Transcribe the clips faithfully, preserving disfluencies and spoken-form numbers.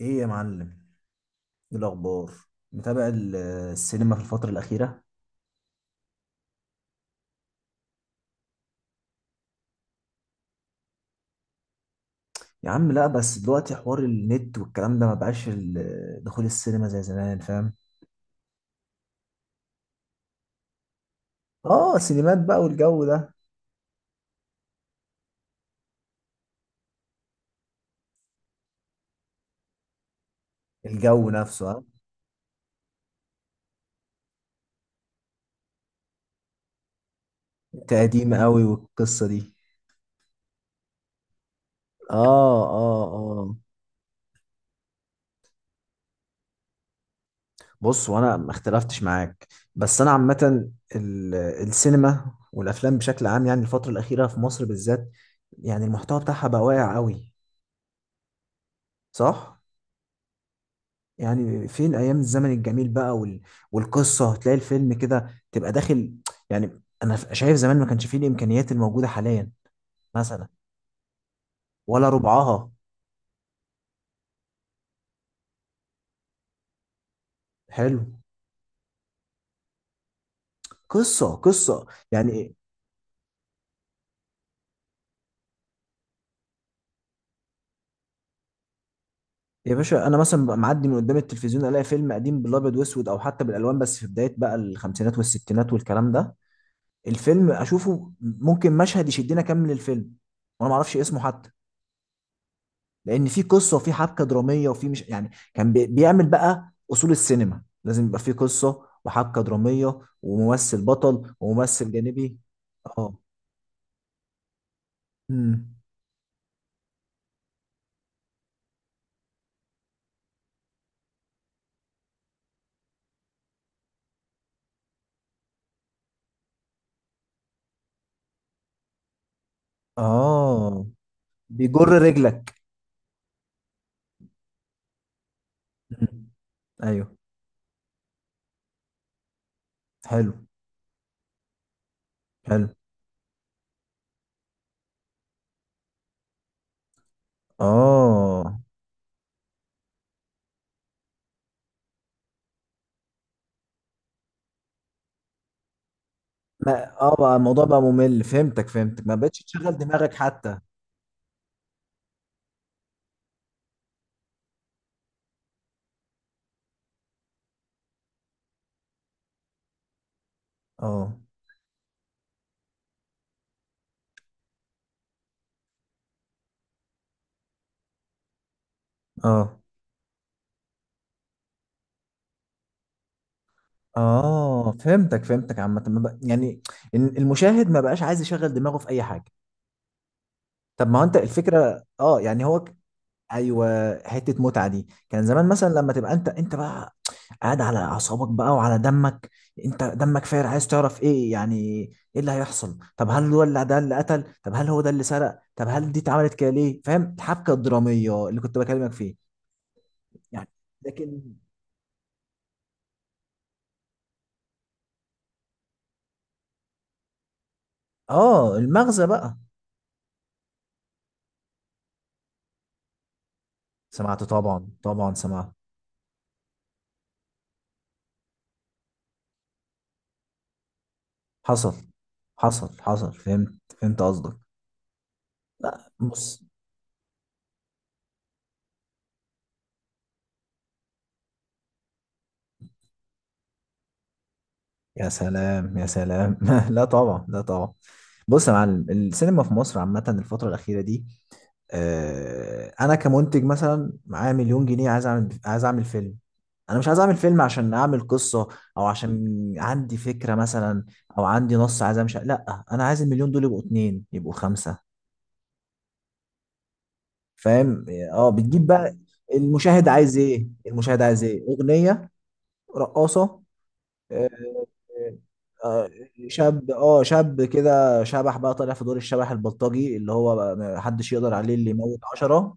ايه يا معلم؟ ايه الاخبار؟ متابع ال- السينما في الفتره الاخيره؟ يا عم، لا، بس دلوقتي حوار النت والكلام ده ما بقاش ال- دخول السينما زي زمان، فاهم؟ اه، سينمات بقى والجو ده. الجو نفسه، ها؟ تقديم قوي والقصه دي. اه، اه، اه. بص، وانا ما اختلفتش معاك. بس انا عامه ال- السينما والافلام بشكل عام، يعني الفتره الاخيره في مصر بالذات، يعني المحتوى بتاعها بقى واقع قوي. صح. يعني فين ايام الزمن الجميل بقى وال... والقصه، هتلاقي الفيلم كده تبقى داخل. يعني انا ف- شايف زمان ما كانش فيه الامكانيات الموجوده حاليا، مثلا، ولا ربعها. حلو. قصه قصه يعني إيه؟ يا باشا، انا مثلا ببقى معدي من قدام التلفزيون، الاقي فيلم قديم بالابيض واسود او حتى بالالوان، بس في بدايه بقى الخمسينات والستينات والكلام ده، الفيلم اشوفه ممكن مشهد يشدني اكمل الفيلم، وانا ما اعرفش اسمه حتى، لان في قصه وفي حبكه دراميه، وفي مش يعني، كان بي- بيعمل بقى اصول السينما، لازم يبقى في قصه وحبكه دراميه وممثل بطل وممثل جانبي. اه. امم اه. بيجر رجلك. مم. ايوه. حلو، حلو، اه. ما اه بقى الموضوع بقى ممل، فهمتك فهمتك، ما بقتش تشغل دماغك حتى. اه، اه، اه، فهمتك فهمتك عامة، ما بق- يعني إن المشاهد ما بقاش عايز يشغل دماغه في اي حاجة. طب ما هو انت الفكره، اه، يعني هو ك- ايوه، حته متعه دي كان زمان، مثلا لما تبقى انت انت بقى قاعد على اعصابك بقى وعلى دمك، انت دمك فاير عايز تعرف ايه، يعني ايه اللي هيحصل؟ طب هل هو اللي ده اللي قتل؟ طب هل هو ده اللي سرق؟ طب هل دي اتعملت كده ليه؟ فاهم الحبكه الدراميه اللي كنت بكلمك فيه؟ يعني. لكن، اه، المغزى بقى. سمعت، طبعا، طبعا سمعت. حصل، حصل، حصل، فهمت، فهمت قصدك. لا، بص. يا سلام، يا سلام. لا طبعا، لا طبعا. بص يا معلم، السينما في مصر عامة الفترة الأخيرة دي، آه، أنا كمنتج مثلا معايا مليون جنيه عايز أعمل عايز أعمل فيلم. أنا مش عايز أعمل فيلم عشان أعمل قصة، أو عشان عندي فكرة مثلا، أو عندي نص عايز أمشي، لا، أنا عايز المليون دول يبقوا اتنين، يبقوا خمسة، فاهم؟ أه، بتجيب بقى. المشاهد عايز إيه؟ المشاهد عايز إيه؟ أغنية، رقاصة. آه، آه، شاب، اه شاب كده شبح بقى طالع في دور الشبح البلطجي اللي هو بقى ما حدش يقدر عليه، اللي يموت عشرة.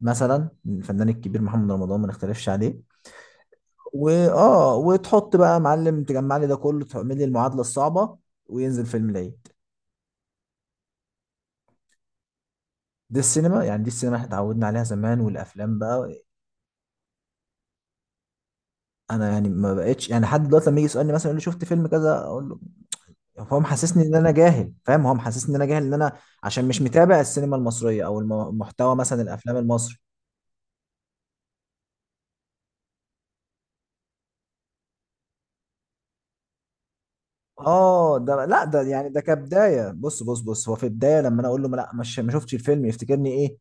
مثلا الفنان الكبير محمد رمضان، ما نختلفش عليه. واه وتحط بقى يا معلم، تجمع لي ده كله، تعمل لي المعادلة الصعبة، وينزل فيلم العيد. دي السينما، يعني دي السينما احنا اتعودنا عليها زمان، والافلام بقى، انا يعني ما بقتش، يعني حد دلوقتي لما يجي يسألني مثلا يقول لي شفت فيلم كذا، اقول له، يعني هو محسسني ان انا جاهل، فاهم؟ هو محسسني ان انا جاهل، ان انا عشان مش متابع السينما المصريه او الم- محتوى مثلا الافلام المصري. اه، ده لا، ده يعني ده كبدايه، بص بص بص، هو في البدايه لما انا اقول له ما- لا، مش ما شفتش الفيلم، يفتكرني ايه،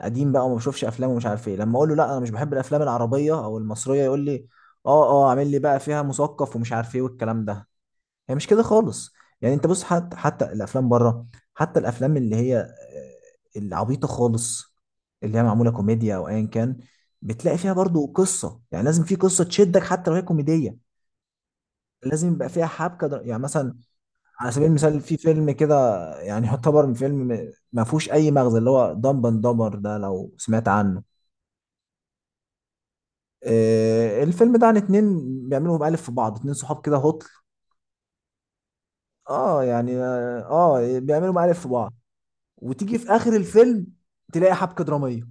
قديم بقى وما بشوفش افلام ومش عارف ايه، لما اقول له لا انا مش بحب الافلام العربيه او المصريه، يقول لي اه، اه، عامل لي بقى فيها مثقف ومش عارف ايه والكلام ده. هي مش كده خالص. يعني انت بص، حتى حتى الافلام بره، حتى الافلام اللي هي آه، العبيطه خالص، اللي هي معموله كوميديا او ايا كان، بتلاقي فيها برضو قصه، يعني لازم في قصه تشدك حتى لو هي كوميديه. لازم يبقى فيها حبكه در- يعني مثلا، على سبيل المثال في فيلم كده، يعني يعتبر من فيلم م- ما فيهوش اي مغزى، اللي هو دمب اند دمبر، ده لو سمعت عنه. آه، الفيلم ده عن اتنين بيعملوا مقالب في بعض، اتنين صحاب كده هطل. اه، يعني، اه. آه، بيعملوا مقالب في بعض، وتيجي في اخر الفيلم تلاقي حبكه دراميه.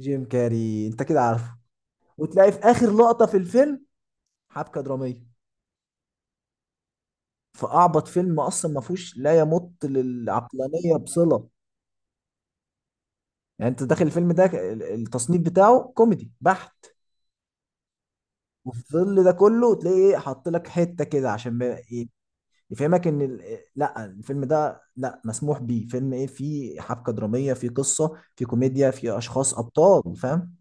جيم كاري، انت كده عارفه. وتلاقي في اخر لقطه في الفيلم حبكه دراميه، فاعبط فيلم اصلا ما فيهوش لا يمت للعقلانيه بصله. يعني انت داخل الفيلم ده، ال- التصنيف بتاعه كوميدي بحت، وفي ظل ده كله تلاقي ايه؟ حاط لك حته كده عشان ما- ايه يفهمك ان ال- إيه، لا الفيلم ده، لا، مسموح بيه فيلم، ايه، فيه حبكه دراميه، فيه قصه، فيه كوميديا، فيه اشخاص ابطال، فاهم؟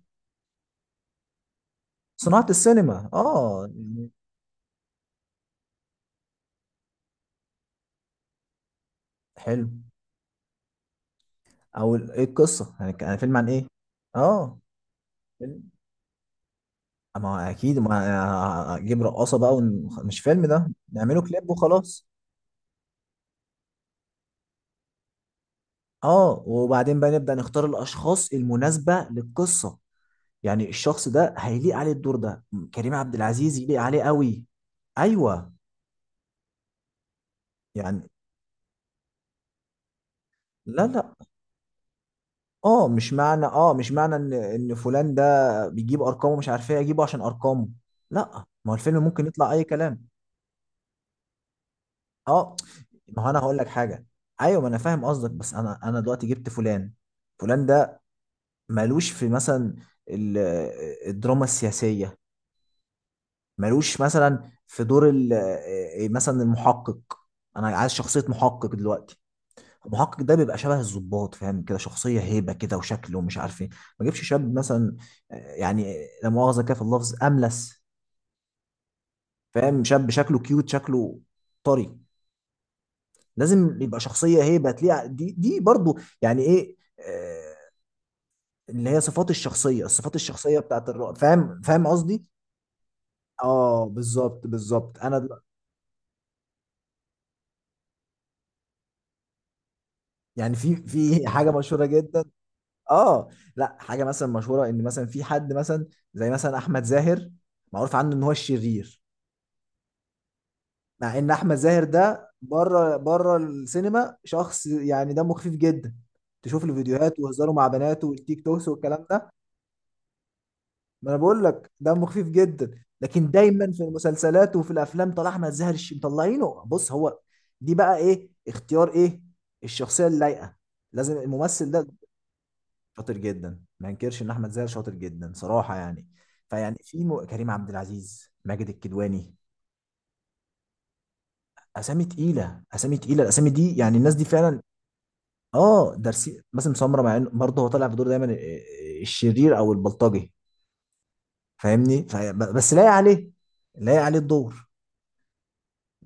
صناعه السينما، اه يعني. حلو. او ال- ايه القصه يعني ك- يعني فيلم عن ايه؟ اه، فيلم. ما هو اكيد ما اجيب رقاصه بقى ون... مش فيلم، ده نعمله كليب وخلاص. اه وبعدين بقى نبدا نختار الاشخاص المناسبه للقصه، يعني الشخص ده هيليق عليه الدور ده، كريم عبد العزيز يليق عليه قوي. ايوه، يعني. لا، لا. اه مش معنى اه مش معنى ان ان فلان ده بيجيب ارقامه مش عارف ايه، اجيبه عشان ارقامه. لا، ما هو الفيلم ممكن يطلع اي كلام. اه، ما هو انا هقول لك حاجه. ايوه، ما انا فاهم قصدك، بس انا انا دلوقتي جبت فلان، فلان ده مالوش في مثلا ال- الدراما السياسيه، مالوش مثلا في دور ال- آه، مثلا المحقق. انا عايز شخصيه محقق دلوقتي، المحقق ده بيبقى شبه الضباط، فاهم؟ كده شخصيه هيبه كده وشكله، ومش عارف ايه. ما جيبش شاب مثلا، آه، يعني، لا مؤاخذه كده في اللفظ، املس، فاهم؟ شاب شكله كيوت، شكله طري، لازم يبقى شخصيه هيبه تليق، دي دي برضو يعني ايه، آه، اللي هي صفات الشخصيه، الصفات الشخصيه بتاعت الرائد، فاهم، فاهم قصدي. اه، بالظبط، بالظبط، انا دل- يعني، في في حاجه مشهوره جدا. اه. لا، حاجه مثلا مشهوره ان مثلا في حد مثلا زي مثلا احمد زاهر، معروف عنه ان هو الشرير، مع ان احمد زاهر ده بره بره السينما شخص يعني دمه خفيف جدا، تشوف له فيديوهات وهزاره مع بناته والتيك توكس والكلام ده. ما انا بقول لك دمه خفيف جدا، لكن دايما في المسلسلات وفي الافلام طلع احمد زاهر الش مطلعينه، بص هو، دي بقى ايه؟ اختيار ايه الشخصيه اللايقه. لازم الممثل ده شاطر جدا، ما انكرش ان احمد زاهر شاطر جدا صراحه، يعني. فيعني في م... كريم عبد العزيز، ماجد الكدواني، اسامي تقيله، اسامي تقيله الاسامي دي، يعني الناس دي فعلا. اه، درسي، باسم سمره، مع انه برضه هو طالع في دور دايما ال- الشرير او البلطجي، فاهمني؟ فب- بس لايق عليه، لايق عليه الدور،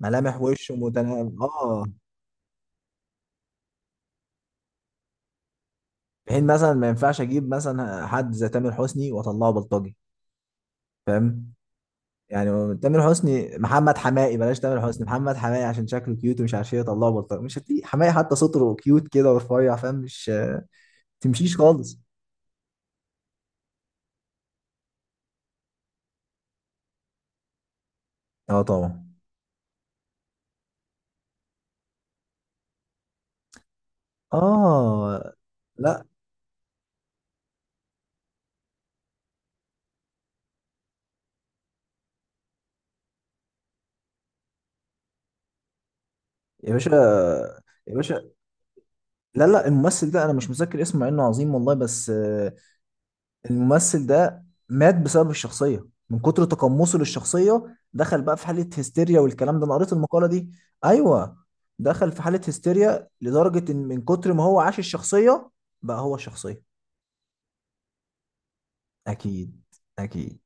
ملامح وشه متناغم، اه. بحين مثلا ما ينفعش اجيب مثلا حد زي تامر حسني واطلعه بلطجي، فاهم؟ يعني تامر حسني، محمد حماقي، بلاش تامر حسني، محمد حماقي، عشان شكله كيوت ومش عارف ايه يطلعه بلطجي، مش هتلاقي حماقي حتى صوته كيوت كده ورفيع، فاهم؟ مش تمشيش خالص. اه طبعا، اه. لا يا باشا، يا باشا، لا، لا، الممثل ده انا مش متذكر اسمه، مع انه عظيم والله، بس الممثل ده مات بسبب الشخصية، من كتر تقمصه للشخصية دخل بقى في حالة هستيريا، والكلام ده انا قريت المقالة دي. ايوه، دخل في حالة هستيريا لدرجة ان من كتر ما هو عاش الشخصية بقى هو الشخصية. اكيد، اكيد.